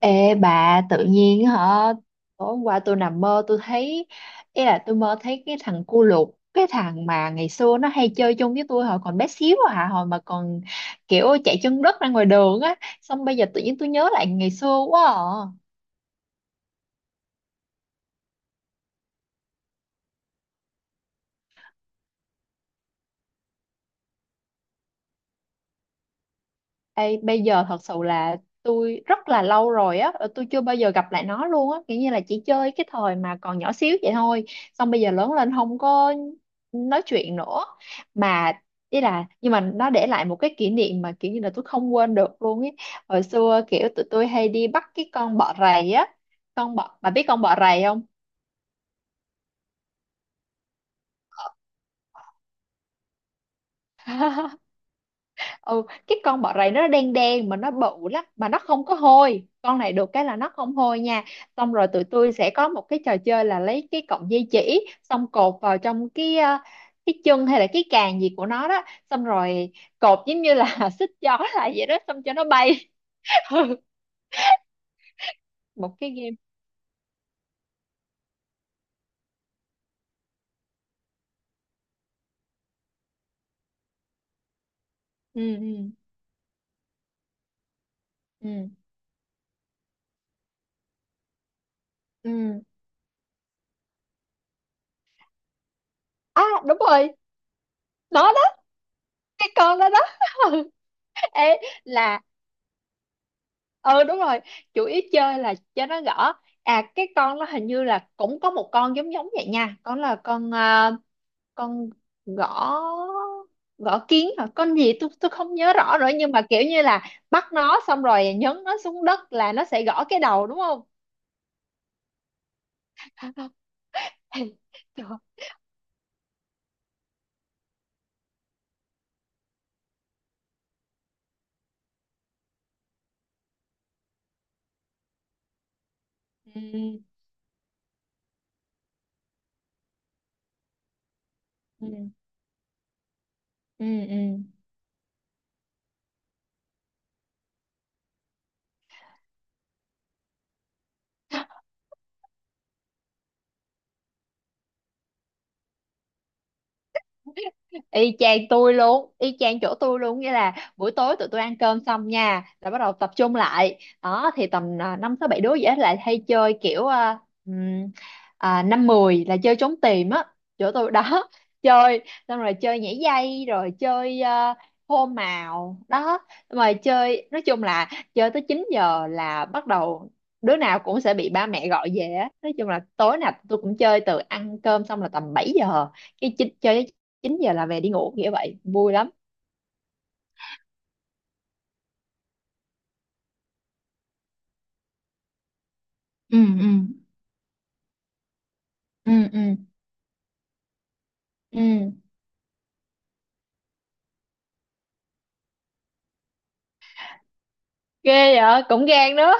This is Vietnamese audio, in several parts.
Ê bà, tự nhiên hả, tối hôm qua tôi nằm mơ tôi thấy, ý là tôi mơ thấy cái thằng cu lục, cái thằng mà ngày xưa nó hay chơi chung với tôi hồi còn bé xíu à, hồi mà còn kiểu chạy chân đất ra ngoài đường á. Xong bây giờ tự nhiên tôi nhớ lại ngày xưa quá à. Ê, bây giờ thật sự là tôi rất là lâu rồi á, tôi chưa bao giờ gặp lại nó luôn á, kiểu như là chỉ chơi cái thời mà còn nhỏ xíu vậy thôi, xong bây giờ lớn lên không có nói chuyện nữa, mà ý là nhưng mà nó để lại một cái kỷ niệm mà kiểu như là tôi không quên được luôn ấy. Hồi xưa kiểu tụi tôi hay đi bắt cái con bọ rầy á, con bọ, bà biết con bọ rầy không? Ừ, cái con bọ rày nó đen đen mà nó bự lắm, mà nó không có hôi, con này được cái là nó không hôi nha. Xong rồi tụi tôi sẽ có một cái trò chơi là lấy cái cọng dây chỉ xong cột vào trong cái chân hay là cái càng gì của nó đó, xong rồi cột giống như là xích gió lại vậy đó, xong cho nó bay. Ừ, một cái game. Ừ ừ ừ ừ, à đúng rồi. Nó đó, cái con đó đó. Ê là, ừ đúng rồi, chủ yếu chơi là cho nó gõ. À cái con nó hình như là cũng có một con giống giống vậy nha, con là con gõ, gõ kiến hả, con gì tôi không nhớ rõ nữa, nhưng mà kiểu như là bắt nó xong rồi nhấn nó xuống đất là nó sẽ gõ cái đầu đúng không. Trời ơi. Ừ ừ ừ ừ. Y chang tôi luôn, y chang chỗ tôi luôn, nghĩa là buổi tối tụi tôi ăn cơm xong nha là bắt đầu tập trung lại đó, thì tầm năm tới bảy đứa dễ lại, hay chơi kiểu ừm, năm mười là chơi trốn tìm á, chỗ tôi đó. Chơi xong rồi chơi nhảy dây, rồi chơi hô màu đó, mà chơi nói chung là chơi tới 9 giờ là bắt đầu đứa nào cũng sẽ bị ba mẹ gọi về á. Nói chung là tối nào tôi cũng chơi, từ ăn cơm xong là tầm 7 giờ, cái chín chơi tới 9 giờ là về đi ngủ, nghĩa vậy vui lắm. Ừ ừ ừ ừ ừ. Ghê vậy cũng gan đó.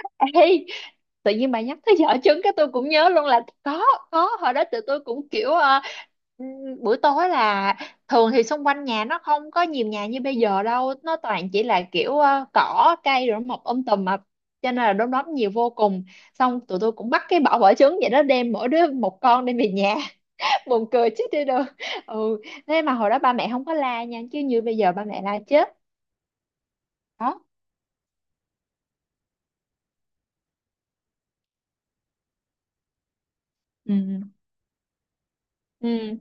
Ê, tự nhiên bà nhắc tới giỏ trứng cái tôi cũng nhớ luôn là có hồi đó tụi tôi cũng kiểu ừm, buổi tối là thường thì xung quanh nhà nó không có nhiều nhà như bây giờ đâu, nó toàn chỉ là kiểu cỏ cây rồi mọc tùm mà, cho nên là đom đóm nhiều vô cùng. Xong tụi tôi cũng bắt cái bỏ vỏ trứng vậy đó, đem mỗi đứa một con đem về nhà, buồn cười chết đi được. Ừ, thế mà hồi đó ba mẹ không có la nha, chứ như bây giờ ba mẹ la chết. Đó. Ừ ừ.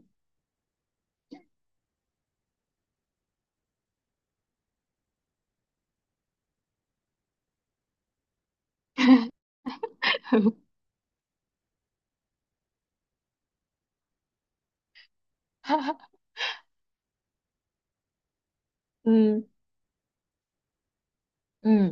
Ừ ừ.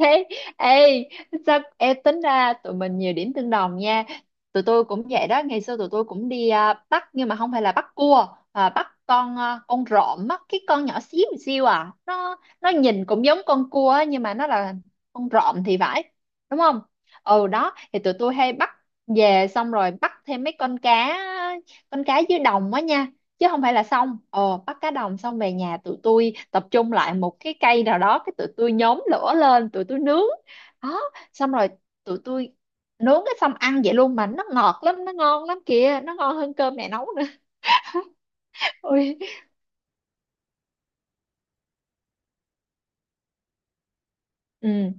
Thế, ê, sao ê, tính ra tụi mình nhiều điểm tương đồng nha. Tụi tôi cũng vậy đó, ngày xưa tụi tôi cũng đi bắt, nhưng mà không phải là bắt cua, mà bắt con rộm á, cái con nhỏ xíu xíu à. Nó nhìn cũng giống con cua á, nhưng mà nó là con rộm thì phải, đúng không? Ừ đó, thì tụi tôi hay bắt về, xong rồi bắt thêm mấy con cá, con cá dưới đồng á nha, chứ không phải là xong ờ bắt cá đồng, xong về nhà tụi tôi tập trung lại một cái cây nào đó, cái tụi tôi nhóm lửa lên tụi tôi nướng. Đó, xong rồi tụi tôi nướng cái xong ăn vậy luôn, mà nó ngọt lắm, nó ngon lắm kìa, nó ngon hơn cơm mẹ nấu nữa. Ôi. Ừ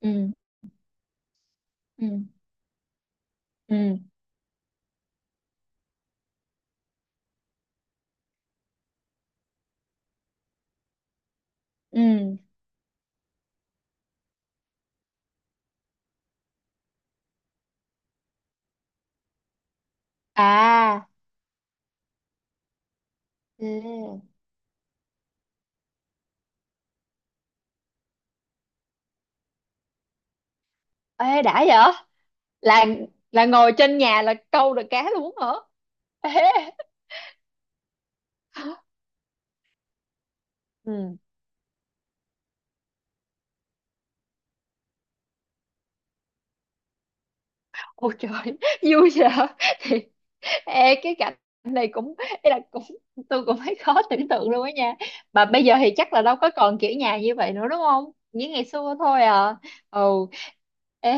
ừ ừ ừ ừ à ừ. Ê đã vậy là là ngồi trên nhà là câu được cá luôn hả? Ê. Ừ. Ôi trời. Vui vậy. Ê, cái cảnh này cũng, ý là cũng, tôi cũng thấy khó tưởng tượng luôn á nha, mà bây giờ thì chắc là đâu có còn kiểu nhà như vậy nữa đúng không, như ngày xưa thôi à. Ừ, ê,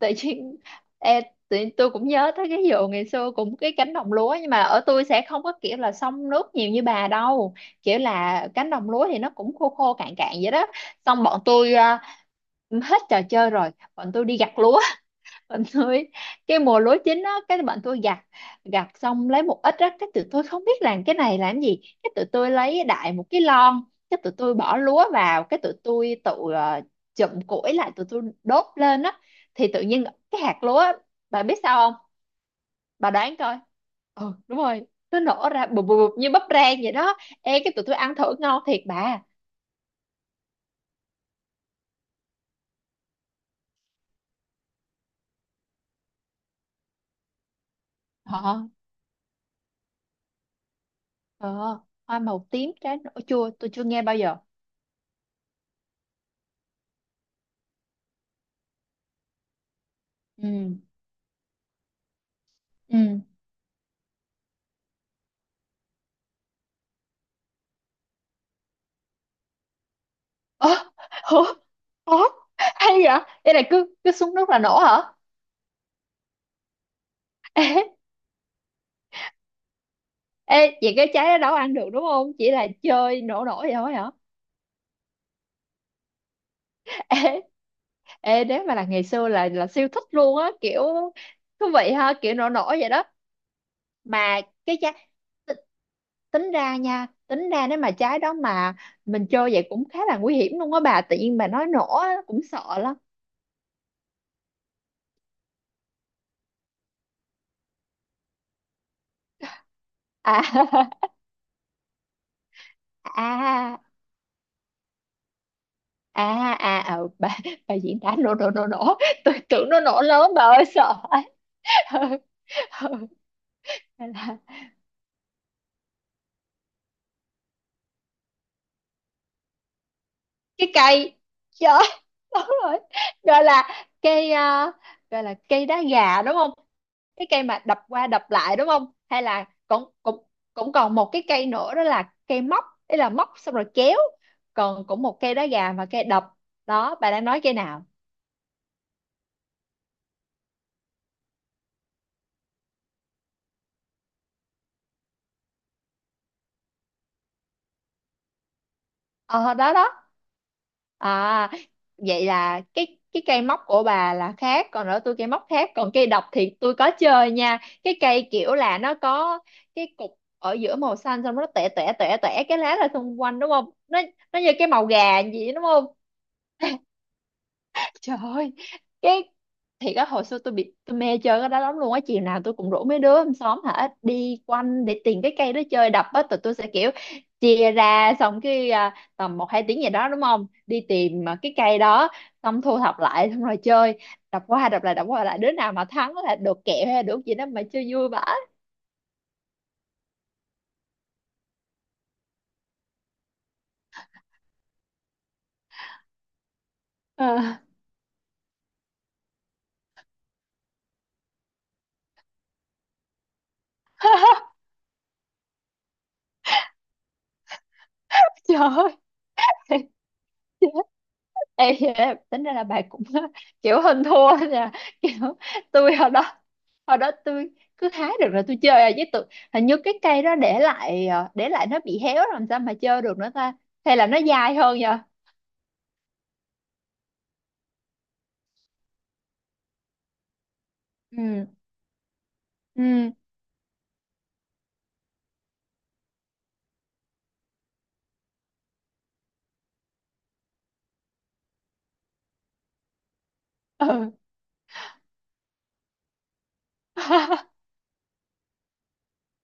tự nhiên, ê, tự nhiên tôi cũng nhớ tới cái vụ ngày xưa cũng cái cánh đồng lúa, nhưng mà ở tôi sẽ không có kiểu là xông nước nhiều như bà đâu, kiểu là cánh đồng lúa thì nó cũng khô khô cạn cạn vậy đó. Xong bọn tôi hết trò chơi rồi, bọn tôi đi gặt lúa, bạn tôi cái mùa lúa chín á, cái bạn tôi gặt, gặt xong lấy một ít á, cái tụi tôi không biết làm cái này làm gì, cái tụi tôi lấy đại một cái lon, cái tụi tôi bỏ lúa vào, cái tụi tôi tự chụm củi lại tụi tôi đốt lên á, thì tự nhiên cái hạt lúa á, bà biết sao không, bà đoán coi. Ừ đúng rồi, nó nổ ra bụp bụp bụp như bắp rang vậy đó. Ê cái tụi tôi ăn thử ngon thiệt bà. Ờ ờ. Hoa màu tím trái nổi chua tôi chưa nghe bao giờ. Ừ ừ. Ơ, ủa? Ủa? Hay vậy, đây là cứ cứ xuống nước là nổ hả? Ê, ê vậy cái trái đó đâu ăn được đúng không, chỉ là chơi nổ nổ vậy thôi hả? Ê, ê nếu mà là ngày xưa là siêu thích luôn á, kiểu thú vị ha, kiểu nổ nổ vậy đó. Mà cái trái t- tính ra nha, tính ra nếu mà trái đó mà mình chơi vậy cũng khá là nguy hiểm luôn á bà, tự nhiên bà nói nổ á, cũng sợ lắm. À. À à à ờ, bà diễn tả nổ nổ nổ nổ, tôi tưởng nó nổ lớn bà ơi sợ. Ừ, ừ. Gọi là cái cây, trời đúng rồi, gọi là cây à, gọi là cây đá gà đúng không, cái cây mà đập qua đập lại đúng không, hay là cũng, cũng cũng còn một cái cây nữa đó là cây móc, ý là móc xong rồi kéo, còn cũng một cây đá gà và cây đập, đó bà đang nói cây nào? Ờ đó đó. À vậy là cái cây móc của bà là khác, còn ở tôi cây móc khác, còn cây độc thì tôi có chơi nha, cái cây kiểu là nó có cái cục ở giữa màu xanh, xong nó tẻ tẻ tẻ tẻ cái lá ra xung quanh đúng không, nó nó như cái màu gà gì đúng không? Trời ơi, cái, thiệt á hồi xưa tôi bị tôi mê chơi cái đó lắm luôn á, chiều nào tôi cũng rủ mấy đứa trong xóm hả đi quanh để tìm cái cây đó chơi đập á, tụi tôi sẽ kiểu chia ra xong cái tầm một hai tiếng gì đó đúng không? Đi tìm cái cây đó, xong thu thập lại xong rồi chơi, đập qua đập lại đập qua lại, đứa nào mà thắng là được kẹo hay là được gì đó, mà chơi vui vãi. À, trời ơi. Ê, tính ra là bà cũng kiểu hơn thua nha, kiểu tôi hồi đó, hồi đó tôi cứ hái được rồi tôi chơi à, chứ tôi hình như cái cây đó để lại để lại nó bị héo rồi làm sao mà chơi được nữa ta, hay là nó dai hơn nhờ. Ừ ừ ừ.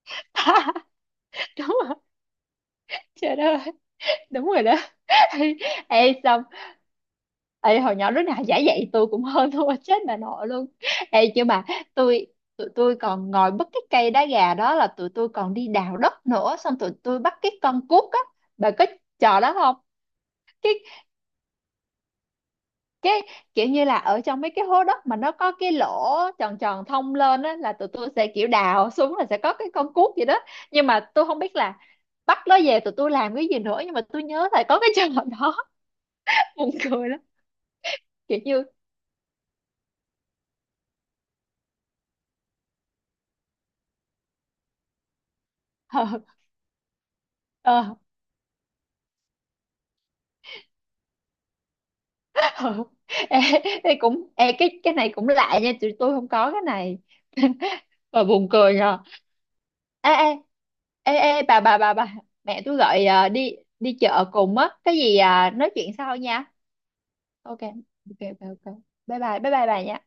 Đúng rồi, trời đất ơi, đúng rồi đó. Ê, xong ê hồi nhỏ lúc nào giả dạy tôi cũng hơn thua, chết bà nội luôn. Ê chứ mà tôi, tụi tôi còn ngồi bắt cái cây đá gà đó là tụi tôi còn đi đào đất nữa, xong tụi tôi bắt cái con cuốc á, bà có trò đó không? Cái cái kiểu như là ở trong mấy cái hố đất mà nó có cái lỗ tròn tròn thông lên á, là tụi tôi sẽ kiểu đào xuống là sẽ có cái con cuốc gì đó, nhưng mà tôi không biết là bắt nó về tụi tôi làm cái gì nữa, nhưng mà tôi nhớ là có cái trò đó. Buồn cười lắm. Kiểu như, ờ, ừ. Ê, ê, cũng ê, cái này cũng lạ nha, tụi tôi không có cái này, và buồn cười nhờ. Ê ê, ê bà, mẹ tôi gọi đi đi chợ cùng á cái gì à, nói chuyện sau nha. Ok ok ok ok, bye bye bà nha.